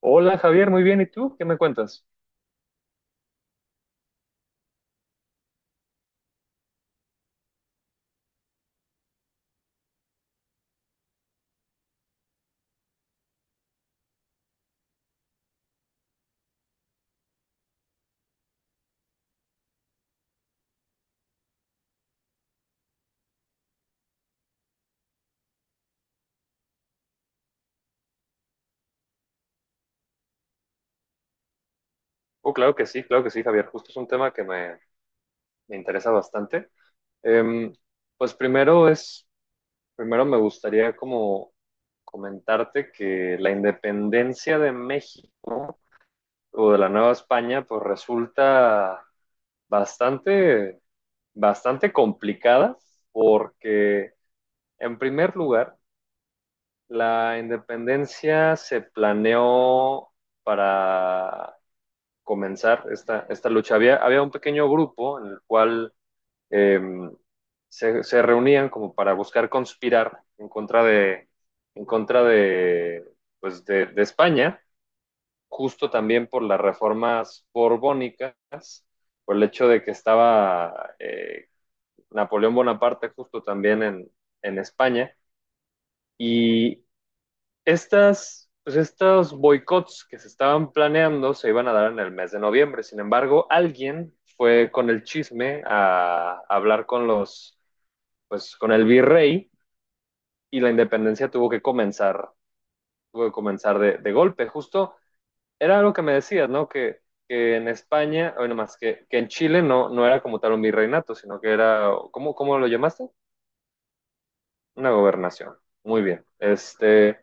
Hola Javier, muy bien. ¿Y tú? ¿Qué me cuentas? Oh, claro que sí, Javier. Justo es un tema que me interesa bastante. Em, pues primero me gustaría como comentarte que la independencia de México o de la Nueva España, pues resulta bastante, bastante complicada porque en primer lugar, la independencia se planeó comenzar esta lucha. Había un pequeño grupo en el cual eh, se reunían como para buscar conspirar en contra de, pues de España, justo también por las reformas borbónicas, por el hecho de que estaba Napoleón Bonaparte justo también en España. Y pues estos boicots que se estaban planeando se iban a dar en el mes de noviembre. Sin embargo, alguien fue con el chisme a hablar con pues con el virrey, y la independencia tuvo que comenzar de golpe. Justo era algo que me decías, ¿no? Que en España, bueno, más que en Chile no era como tal un virreinato, sino que era, ¿cómo lo llamaste? Una gobernación. Muy bien. Este,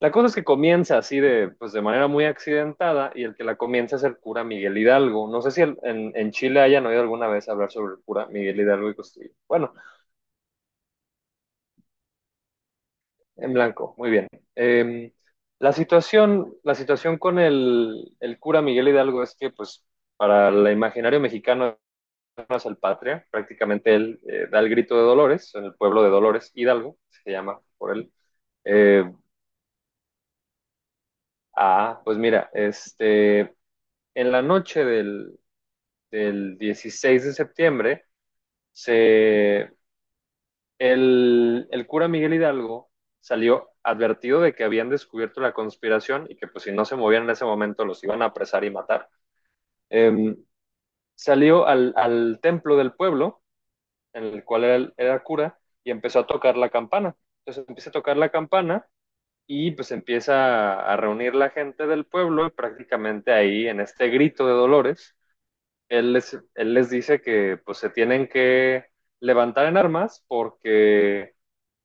La cosa es que comienza pues de manera muy accidentada, y el que la comienza es el cura Miguel Hidalgo. No sé si en Chile hayan oído alguna vez hablar sobre el cura Miguel Hidalgo y Costillo. Bueno, en blanco, muy bien. Eh, la situación, la situación con el cura Miguel Hidalgo es que, pues, para el imaginario mexicano no es el patria. Prácticamente él da el grito de Dolores, en el pueblo de Dolores, Hidalgo, se llama por él. Eh, pues mira, en la noche del 16 de septiembre, se, el cura Miguel Hidalgo salió advertido de que habían descubierto la conspiración, y que pues si no se movían en ese momento los iban a apresar y matar. Eh, salió al templo del pueblo, en el cual era, cura, y empezó a tocar la campana. Entonces empieza a tocar la campana, y pues empieza a reunir la gente del pueblo, y prácticamente ahí en este grito de dolores él les dice que pues se tienen que levantar en armas, porque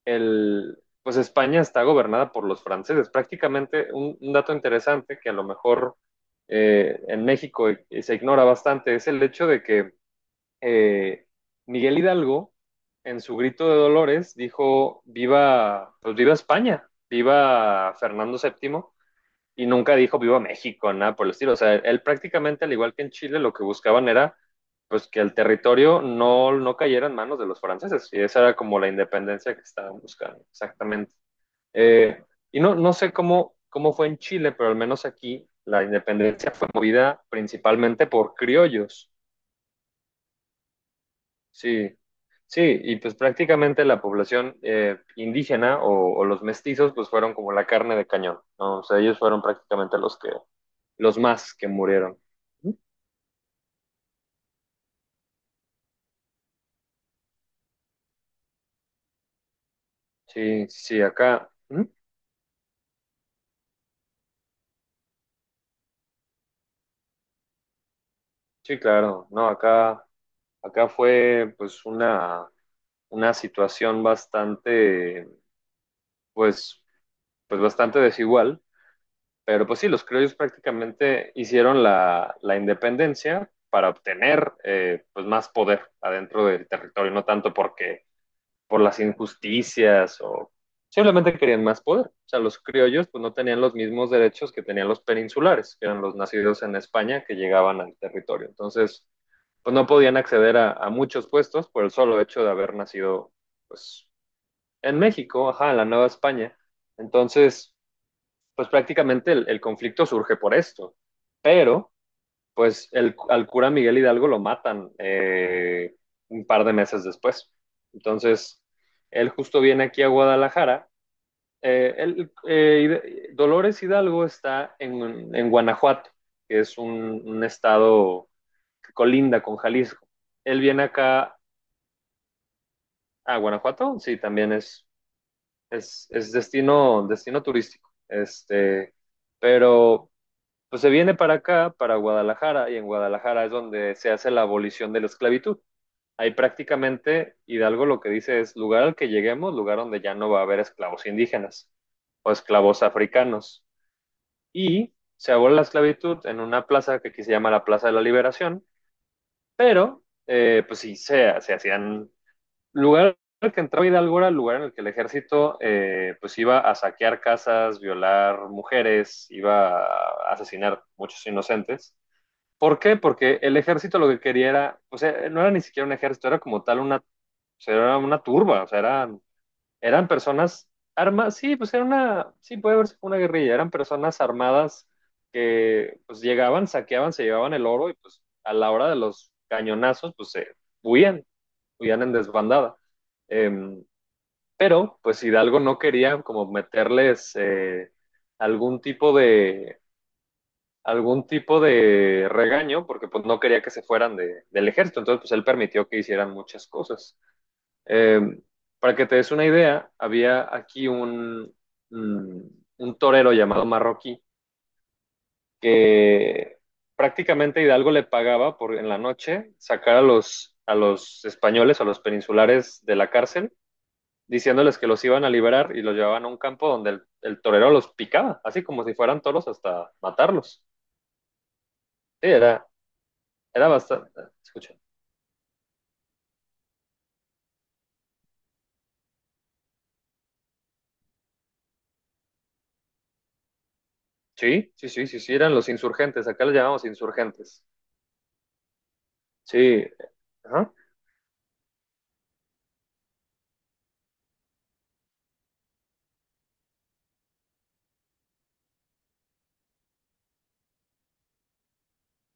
el, pues España está gobernada por los franceses. Prácticamente un dato interesante que a lo mejor en México se ignora bastante, es el hecho de que eh, Miguel Hidalgo en su grito de Dolores dijo pues viva España, viva Fernando VII, y nunca dijo viva México, nada por el estilo. O sea, él prácticamente, al igual que en Chile, lo que buscaban era pues que el territorio no cayera en manos de los franceses. Y esa era como la independencia que estaban buscando, exactamente. Eh, y no sé cómo fue en Chile, pero al menos aquí la independencia fue movida principalmente por criollos. Sí, sí, y pues prácticamente la población indígena, o los mestizos, pues fueron como la carne de cañón, ¿no? O sea, ellos fueron prácticamente los más que murieron. Sí, sí, acá. ¿Mm? Sí, claro, no, acá fue pues una, situación bastante, pues, pues bastante desigual. Pero pues sí, los criollos prácticamente hicieron la independencia para obtener pues más poder adentro del territorio, no tanto porque por las injusticias, o simplemente querían más poder. O sea, los criollos pues no tenían los mismos derechos que tenían los peninsulares, que eran los nacidos en España que llegaban al territorio. Entonces, pues no podían acceder a muchos puestos por el solo hecho de haber nacido pues en México, ajá, en la Nueva España. Entonces, pues prácticamente el conflicto surge por esto. Pero, pues al cura Miguel Hidalgo lo matan un par de meses después. Entonces, él justo viene aquí a Guadalajara. Dolores Hidalgo está en Guanajuato, que es un estado que colinda con Jalisco. Él viene acá a Guanajuato, sí, también es destino turístico. Pero pues se viene para acá, para Guadalajara, y en Guadalajara es donde se hace la abolición de la esclavitud. Ahí prácticamente Hidalgo lo que dice es lugar al que lleguemos, lugar donde ya no va a haber esclavos indígenas o esclavos africanos. Y se abole la esclavitud en una plaza que aquí se llama la Plaza de la Liberación, pero pues sí, se hacían lugar al que entraba Hidalgo era el lugar en el que el ejército pues iba a saquear casas, violar mujeres, iba a asesinar muchos inocentes. ¿Por qué? Porque el ejército lo que quería era, o sea, no era ni siquiera un ejército, era como tal una, o sea, era una turba, o sea, eran personas armadas, sí, pues era una, sí, puede verse como una guerrilla, eran personas armadas que pues llegaban, saqueaban, se llevaban el oro, y pues a la hora de los cañonazos, huían, huían en desbandada. Eh, pero pues Hidalgo no quería como meterles algún tipo de, algún tipo de regaño, porque pues no quería que se fueran del ejército, entonces pues él permitió que hicieran muchas cosas. Eh, para que te des una idea, había aquí un torero llamado Marroquí que prácticamente Hidalgo le pagaba por en la noche sacar a a los españoles, a los peninsulares de la cárcel, diciéndoles que los iban a liberar, y los llevaban a un campo donde el torero los picaba, así como si fueran toros hasta matarlos. Sí. Era bastante, escucha. Sí, sí, sí, sí, sí, eran los insurgentes, acá los llamamos insurgentes. Sí, ajá.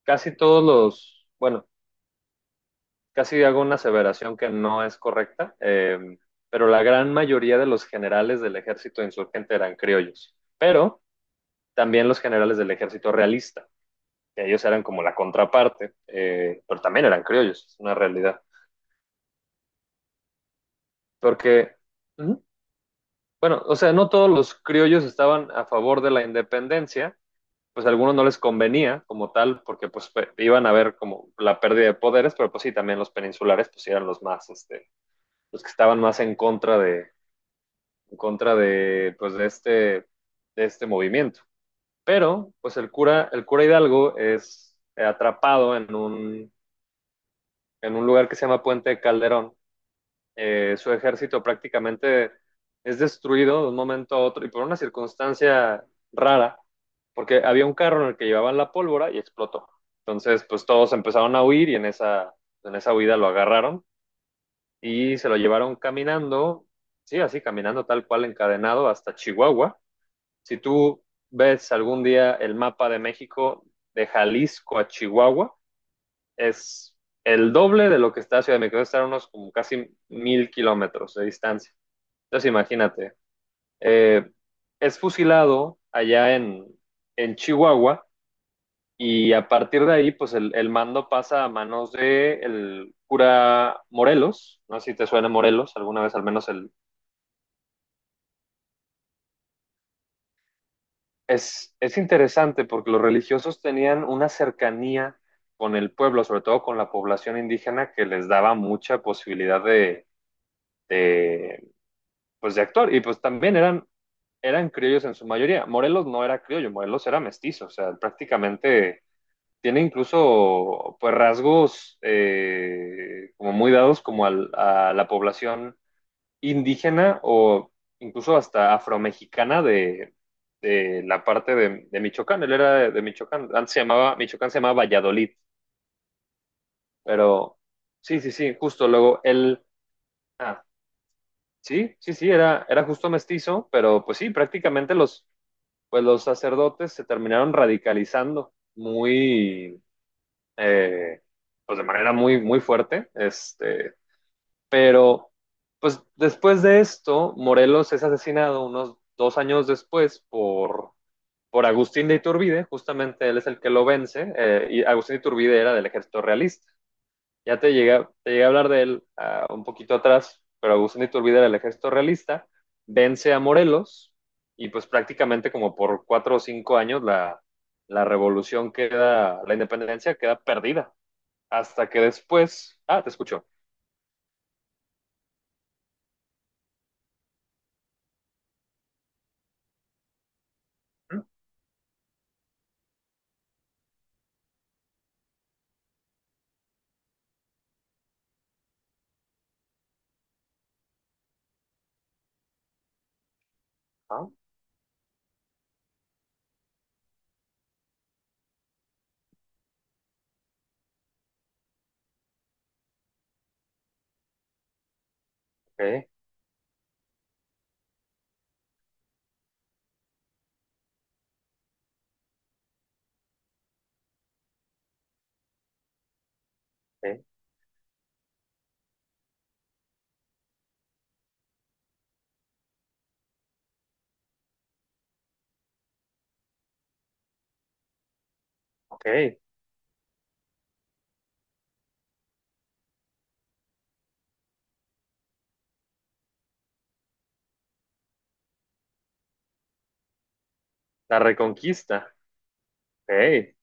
Casi todos los, bueno, casi hago una aseveración que no es correcta, pero la gran mayoría de los generales del ejército insurgente eran criollos, pero también los generales del ejército realista, que ellos eran como la contraparte, pero también eran criollos, es una realidad. Porque, ujú, bueno, o sea, no todos los criollos estaban a favor de la independencia, pues a algunos no les convenía como tal, porque pues iban a ver como la pérdida de poderes, pero pues sí, también los peninsulares pues eran los más, los que estaban más en contra de, pues de este movimiento. Pero pues el cura Hidalgo es atrapado en en un lugar que se llama Puente de Calderón. Su ejército prácticamente es destruido de un momento a otro, y por una circunstancia rara, porque había un carro en el que llevaban la pólvora y explotó. Entonces, pues todos empezaron a huir, y en esa huida lo agarraron, y se lo llevaron caminando, sí, así caminando tal cual encadenado hasta Chihuahua. Si tú ves algún día el mapa de México, de Jalisco a Chihuahua, es el doble de lo que está Ciudad de México, debe estar a unos como casi 1.000 kilómetros de distancia. Entonces imagínate, eh, es fusilado allá en Chihuahua, y a partir de ahí, pues el mando pasa a manos de el cura Morelos, no sé si te suena Morelos, alguna vez al menos el... Es interesante porque los religiosos tenían una cercanía con el pueblo, sobre todo con la población indígena, que les daba mucha posibilidad de, de actuar. Y pues también eran criollos en su mayoría. Morelos no era criollo, Morelos era mestizo, o sea, prácticamente tiene incluso pues rasgos como muy dados como a la población indígena, o incluso hasta afromexicana de la parte Michoacán. Él era Michoacán, Michoacán se llamaba Valladolid, pero sí, sí, sí, justo luego ah, sí, sí, sí, era justo mestizo, pero pues sí, prácticamente los sacerdotes se terminaron radicalizando eh, pues de manera muy, muy fuerte, pero pues después de esto, Morelos es asesinado unos 2 años después por Agustín de Iturbide, justamente él es el que lo vence, y Agustín de Iturbide era del ejército realista. Ya te llegué a hablar de él un poquito atrás, pero Agustín de Iturbide era el ejército realista, vence a Morelos, y pues prácticamente como por 4 o 5 años la revolución queda, la independencia queda perdida. Hasta que después, ah, te escucho. ¿Mm? Ah, ok, ok, ok. La reconquista, ok,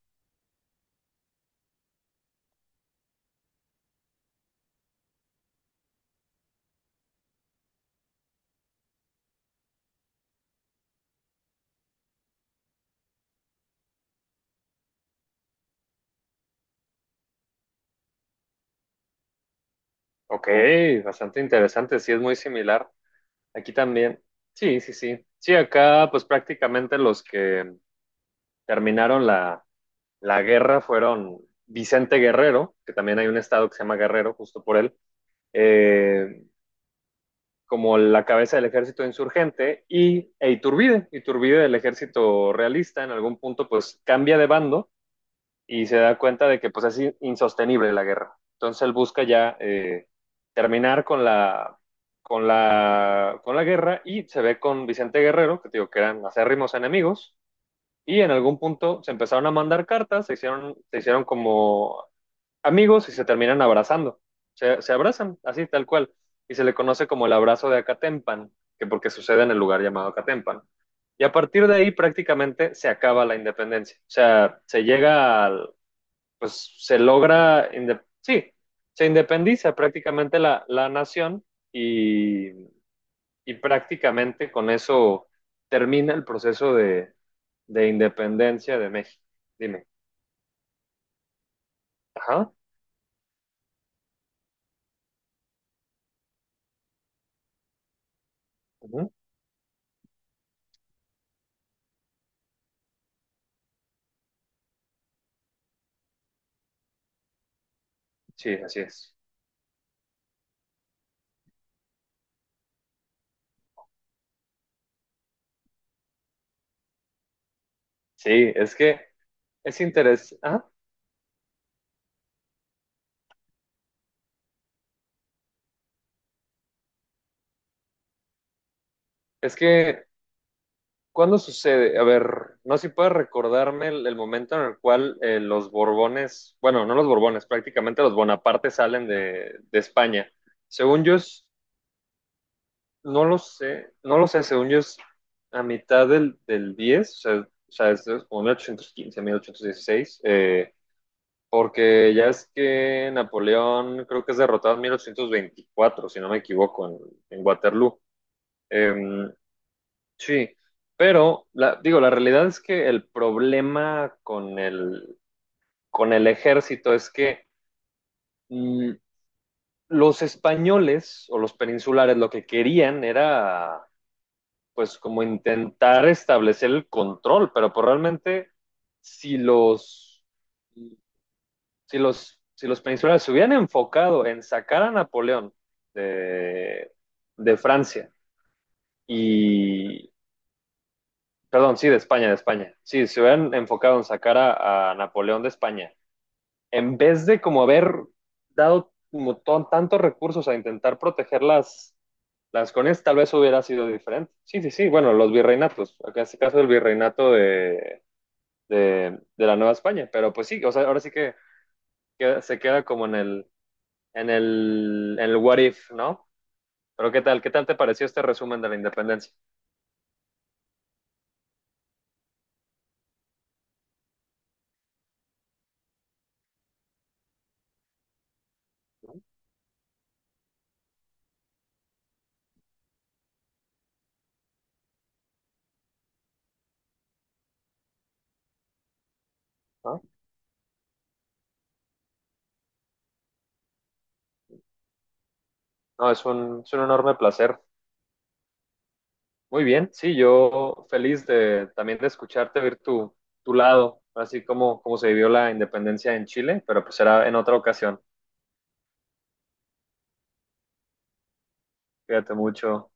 ok, bastante interesante, sí es muy similar. Aquí también, sí, sí, sí. Sí, acá pues prácticamente los que terminaron la guerra fueron Vicente Guerrero, que también hay un estado que se llama Guerrero, justo por él, eh, como la cabeza del ejército insurgente, y e Iturbide del ejército realista, en algún punto pues cambia de bando, y se da cuenta de que pues es insostenible la guerra. Entonces él busca ya terminar con la guerra, y se ve con Vicente Guerrero, que digo que eran acérrimos enemigos, y en algún punto se empezaron a mandar cartas, se hicieron como amigos, y se terminan abrazando. Se abrazan, así tal cual. Y se le conoce como el abrazo de Acatempan, que porque sucede en el lugar llamado Acatempan. Y a partir de ahí prácticamente se acaba la independencia. O sea, se llega al, pues se logra, inde- sí, se independiza prácticamente la nación, y, y prácticamente con eso termina el proceso de independencia de México. Dime. Ajá. ujú, Sí, así es. Sí, es que, es interesante. Ah, es que, ¿cuándo sucede? A ver, no sé si puedes recordarme el momento en el cual los Borbones, bueno, no los Borbones, prácticamente los Bonaparte salen de España. Según yo, no lo sé, no lo sé, según yo es a mitad del diez, o sea, es como 1815, 1816, porque ya es que Napoleón creo que es derrotado en 1824, si no me equivoco, en Waterloo. Em, Sí, pero la, digo, la realidad es que el problema con con el ejército es que mm, los españoles o los peninsulares lo que querían era pues como intentar establecer el control, pero pues realmente si los, si los peninsulares se hubieran enfocado en sacar a Napoleón de, de Francia, y Perdón, sí, de España, de España. Sí, se hubieran enfocado en sacar a Napoleón de España. En vez de como haber dado como tantos recursos a intentar proteger las colonias, tal vez hubiera sido diferente. Sí, sí, sí. Bueno, los virreinatos. Acá en este caso el virreinato de la Nueva España. Pero pues sí, o sea, ahora sí que se queda como en el what if, ¿no? Pero ¿qué tal? ¿Qué tal te pareció este resumen de la independencia? ¿No? No, es un, enorme placer. Muy bien, sí, yo feliz de también de escucharte, ver tu lado, así como se vivió la independencia en Chile, pero pues será en otra ocasión. Cuídate mucho.